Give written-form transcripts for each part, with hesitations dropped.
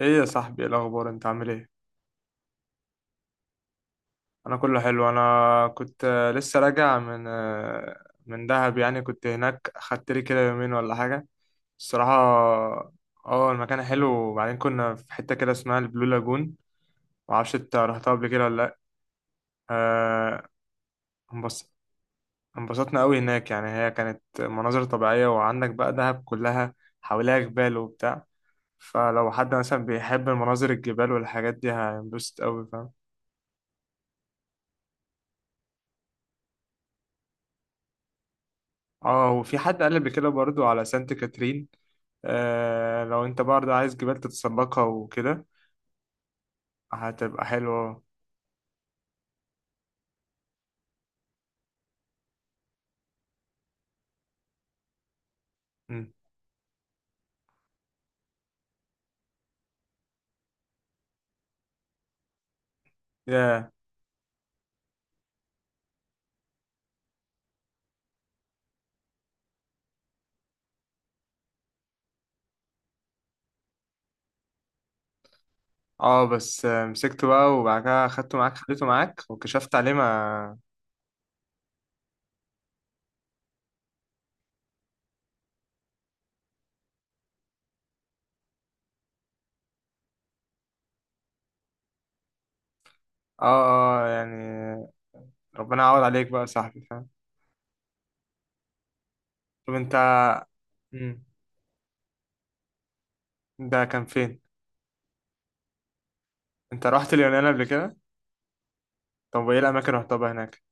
ايه يا صاحبي، ايه الاخبار؟ انت عامل ايه؟ انا كله حلو. انا كنت لسه راجع من دهب، يعني كنت هناك، خدت لي كده يومين ولا حاجه، الصراحه. اه، المكان حلو، وبعدين كنا في حته كده اسمها البلو لاجون. معرفش، انت رحتها قبل كده ولا لا؟ آه، انبسط انبسطنا قوي هناك، يعني هي كانت مناظر طبيعيه، وعندك بقى دهب كلها حواليها جبال وبتاع. فلو حد مثلا بيحب المناظر، الجبال والحاجات دي، هينبسط قوي. اه، وفي حد قال قبل كده برضو على سانت كاترين. آه، لو انت برضو عايز جبال تتسلقها وكده، هتبقى حلوة. مم. ياه. اه، بس مسكته بقى، وبعد كده خدته معاك، خليته معاك، وكشفت عليه، ما. اه، اه، يعني ربنا يعوض عليك بقى يا صاحبي، فاهم؟ طب انت مم. ده كان فين؟ انت رحت اليونان قبل كده؟ طب وايه الاماكن اللي رحتها بقى هناك؟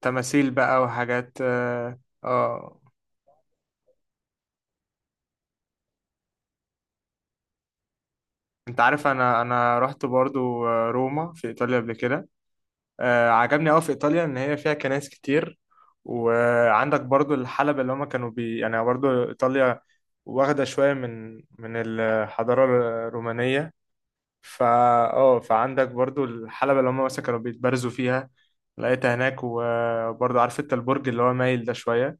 تماثيل بقى وحاجات، اه. آه. انت عارف، انا رحت برضو روما في ايطاليا قبل كده. عجبني قوي في ايطاليا ان هي فيها كنائس كتير. وعندك برضو الحلبة اللي هما كانوا يعني، برضو ايطاليا واخده شويه من الحضاره الرومانيه فا اه، فعندك برضو الحلبة اللي هما مثلا كانوا بيتبارزوا فيها لقيتها هناك. وبرضو عارف انت البرج اللي هو مايل ده شويه.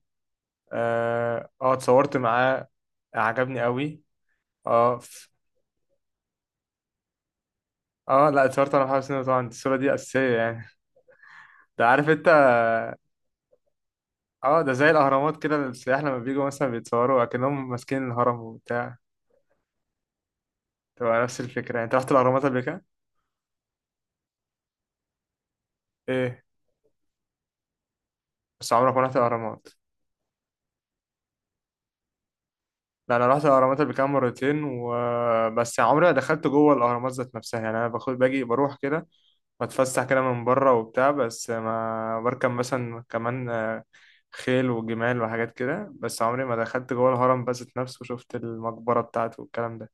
اه، اتصورت معاه، عجبني قوي. اه، اه، لا، اتصورت انا وحسن، طبعا الصوره دي اساسيه، يعني. ده عارف انت. اه، ده زي الاهرامات كده، السياح لما بيجوا مثلا بيتصوروا اكنهم ماسكين الهرم وبتاع، تبقى نفس الفكره. يعني انت رحت الاهرامات قبل كده؟ ايه. بس عمرك ما رحت الاهرامات. لا، انا رحت الاهرامات قبل كده مرتين، وبس عمري ما دخلت جوه الاهرامات ذات نفسها، يعني انا باجي بروح كده، بتفسح كده من بره وبتاع، بس ما بركب مثلا كمان خيل وجمال وحاجات كده، بس عمري ما دخلت جوه الهرم بس ذات نفسه وشفت المقبره بتاعته والكلام ده.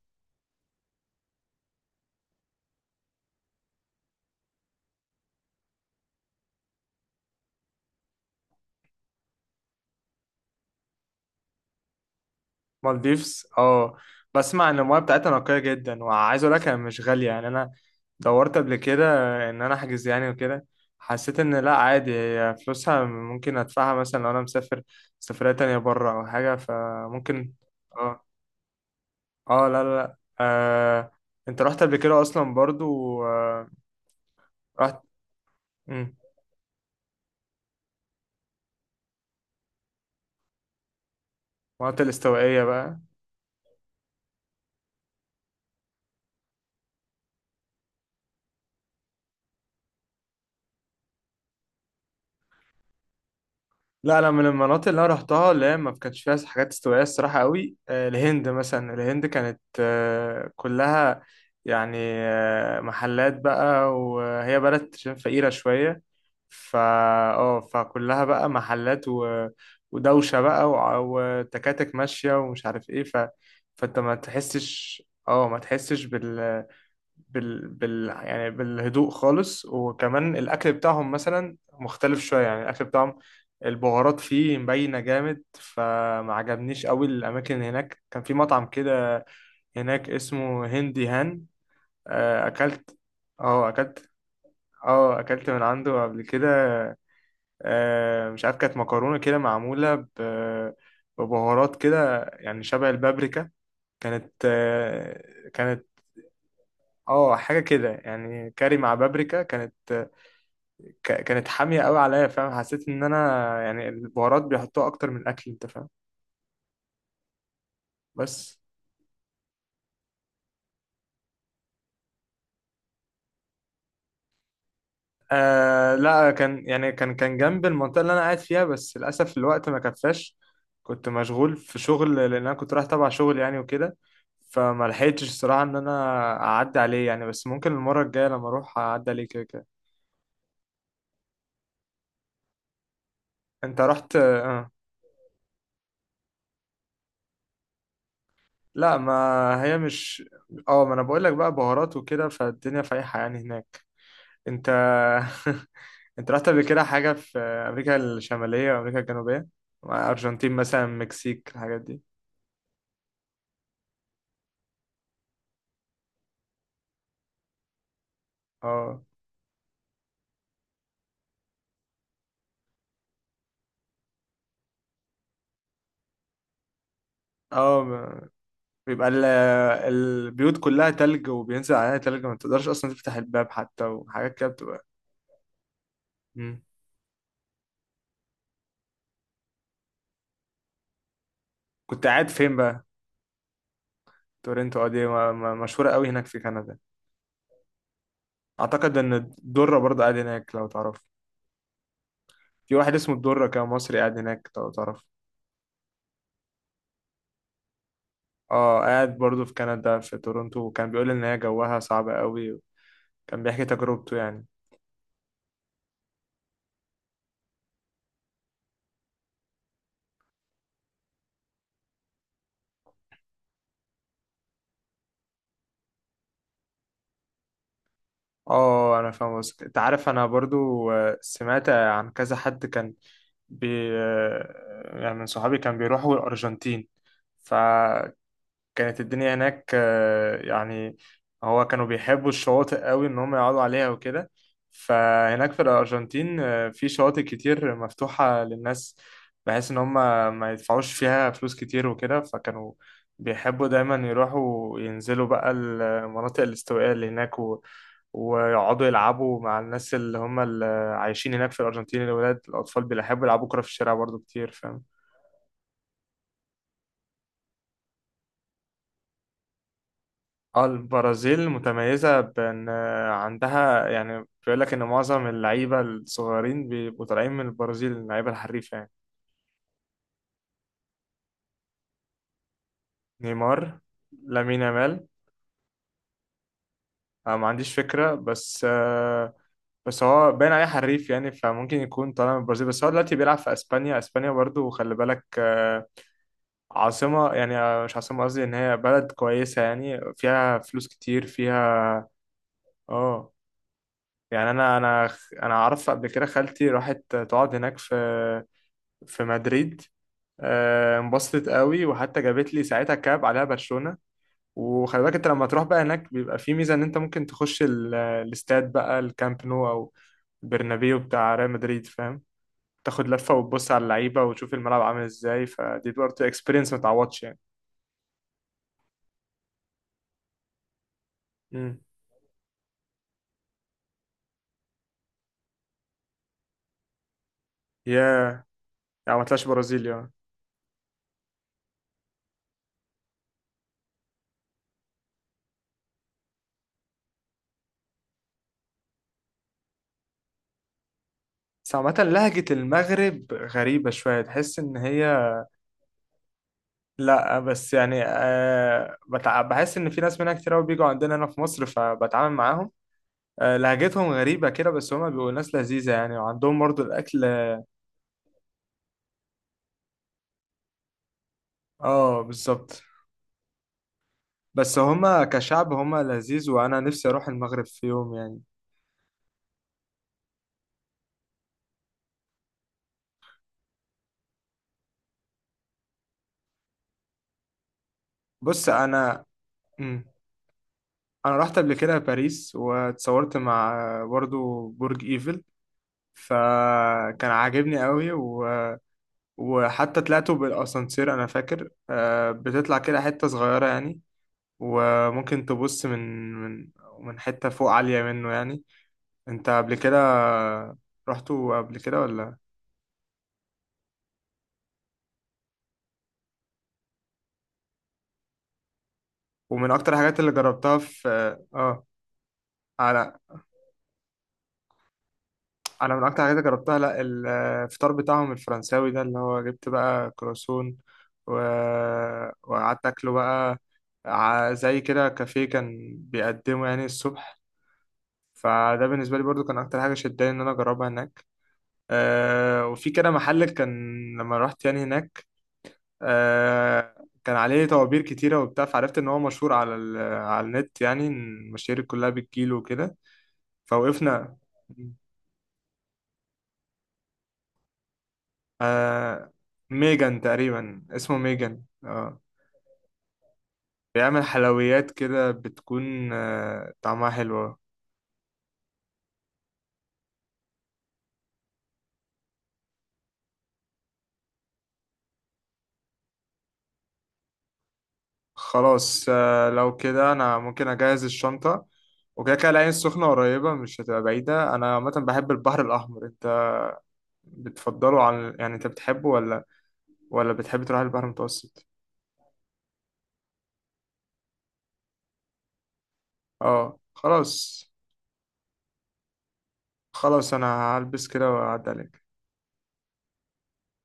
مالديفز، اه. بسمع ان المياه بتاعتها نقية جدا، وعايز اقول لك هي مش غالية، يعني انا دورت قبل كده ان انا احجز يعني وكده، حسيت ان لا، عادي، هي فلوسها ممكن ادفعها مثلا لو انا مسافر سفرية تانية بره او حاجة، فممكن. اه، اه، لا، لا، لا، آه. انت رحت قبل كده اصلا برضو، آه؟ رحت. مم. مناطق الاستوائية بقى. لا، انا من المناطق اللي انا رحتها اللي هي ما كانش فيها حاجات استوائيه الصراحه قوي، الهند مثلا، الهند كانت كلها، يعني محلات بقى، وهي بلد عشان فقيره شويه فا اه، فكلها بقى محلات، و... ودوشه بقى، وتكاتك ماشيه ومش عارف ايه. ف... فانت ما تحسش يعني بالهدوء خالص، وكمان الأكل بتاعهم مثلا مختلف شوية، يعني الأكل بتاعهم البهارات فيه مبينة جامد، فما عجبنيش قوي الأماكن. هناك كان في مطعم كده هناك اسمه هندي هان، أكلت. اه، أكلت. اه، أكلت من عنده قبل كده. مش عارف كانت مكرونة كده معمولة ببهارات كده، يعني شبه البابريكا، كانت. اه، حاجة كده يعني، كاري مع بابريكا كانت. كانت حامية قوي عليا، فاهم؟ حسيت ان انا يعني البهارات بيحطوها اكتر من الاكل، انت فاهم؟ بس. لا، كان يعني كان جنب المنطقة اللي انا قاعد فيها، بس للاسف الوقت ما كفاش، كنت مشغول في شغل، لان انا كنت رايح تبع شغل يعني وكده. فما لحقتش الصراحة ان انا اعدي عليه يعني، بس ممكن المرة الجاية لما اروح اعدي عليه كده كده. انت رحت لا، ما هي مش اه ما انا بقول لك بقى بهارات وكده، فالدنيا فايحة يعني هناك. انت انت رحت قبل كده حاجة في أمريكا الشمالية وأمريكا الجنوبية، مع أرجنتين مثلا، مكسيك، الحاجات دي؟ اه، اه، بيبقى البيوت كلها تلج، وبينزل عليها تلج، ما تقدرش أصلا تفتح الباب حتى، وحاجات كده بتبقى. مم. كنت قاعد فين بقى؟ تورنتو، اه، دي مشهورة قوي هناك في كندا. أعتقد إن الدرة برضه قاعد هناك، لو تعرف. في واحد اسمه الدرة، كان مصري قاعد هناك، لو تعرف. اه، قاعد برضه في كندا في تورنتو، وكان بيقول إن هي جوها صعب قوي، كان بيحكي تجربته يعني. اه، انا فاهم قصدك. انت عارف، انا برضو سمعت عن كذا حد كان بي آه، يعني من صحابي كان بيروحوا الارجنتين، فكان، كانت الدنيا هناك يعني، هو كانوا بيحبوا الشواطئ قوي ان هم يقعدوا عليها وكده. فهناك في الارجنتين في شواطئ كتير مفتوحة للناس، بحيث ان هم ما يدفعوش فيها فلوس كتير وكده. فكانوا بيحبوا دايما يروحوا ينزلوا بقى المناطق الاستوائية اللي هناك، و... ويقعدوا يلعبوا مع الناس اللي هم اللي عايشين هناك في الأرجنتين. الولاد، الأطفال بيحبوا يلعبوا كرة في الشارع برضو كتير، فاهم؟ اه، البرازيل متميزة بأن عندها يعني، بيقول لك إن معظم اللعيبة الصغيرين بيبقوا طالعين من البرازيل، اللعيبة الحريفة يعني. نيمار. لامين يامال. أنا ما عنديش فكرة، بس بس هو باين عليه حريف، يعني فممكن يكون طالع من البرازيل. بس هو دلوقتي بيلعب في أسبانيا، أسبانيا برضو خلي بالك عاصمة يعني، مش عاصمة، قصدي إن هي بلد كويسة، يعني فيها فلوس كتير فيها. اه، يعني انا انا اعرف قبل كده خالتي راحت تقعد هناك في مدريد، انبسطت قوي، وحتى جابت لي ساعتها كاب عليها برشلونة. وخلي بالك انت لما تروح بقى هناك بيبقى في ميزة ان انت ممكن تخش الاستاد بقى، الكامب نو او برنابيو بتاع ريال مدريد، فاهم؟ تاخد لفة وتبص على اللعيبة وتشوف الملعب عامل ازاي، فدي برضه اكسبيرينس ما تعوضش يعني. امم يا يعني ما طلعش برازيل يعني. بس عامة لهجة المغرب غريبة شوية، تحس ان هي. لا، بس يعني، بحس ان في ناس منها كتير قوي بيجوا عندنا هنا في مصر، فبتعامل معاهم، لهجتهم غريبة كده، بس هما بيبقوا ناس لذيذة يعني، وعندهم برضو الأكل. اه، بالظبط. بس هما كشعب هما لذيذ، وأنا نفسي أروح المغرب في يوم يعني. بص، مم. أنا رحت قبل كده باريس، واتصورت مع برضو برج إيفل، فكان عاجبني قوي، و... وحتى طلعته بالأسانسير. أنا فاكر بتطلع كده حتة صغيرة يعني، وممكن تبص من حتة فوق عالية منه يعني. انت قبل كده رحتوا قبل كده ولا؟ ومن اكتر الحاجات اللي جربتها في، على على من اكتر الحاجات اللي جربتها، لا الفطار بتاعهم الفرنساوي ده اللي هو، جبت بقى كروسون، و... وقعدت اكله بقى، زي كده كافيه كان بيقدمه يعني الصبح. فده بالنسبه لي برضو كان اكتر حاجه شداني ان انا اجربها هناك. وفي كده محل، كان لما رحت يعني هناك آه كان عليه طوابير كتيرة وبتاع، فعرفت إن هو مشهور على النت، يعني إن المشاهير كلها بتجيله وكده، فوقفنا. آه ميجان تقريبا، اسمه ميجان، اه. بيعمل حلويات كده، بتكون طعمها حلوة. خلاص، لو كده أنا ممكن أجهز الشنطة. وكده كده العين السخنة قريبة، مش هتبقى بعيدة. أنا عامة بحب البحر الأحمر، أنت بتفضله؟ عن يعني، أنت بتحبه ولا، ولا بتحب تروح البحر المتوسط؟ اه، خلاص. خلاص، انا هلبس كده واعدي عليك.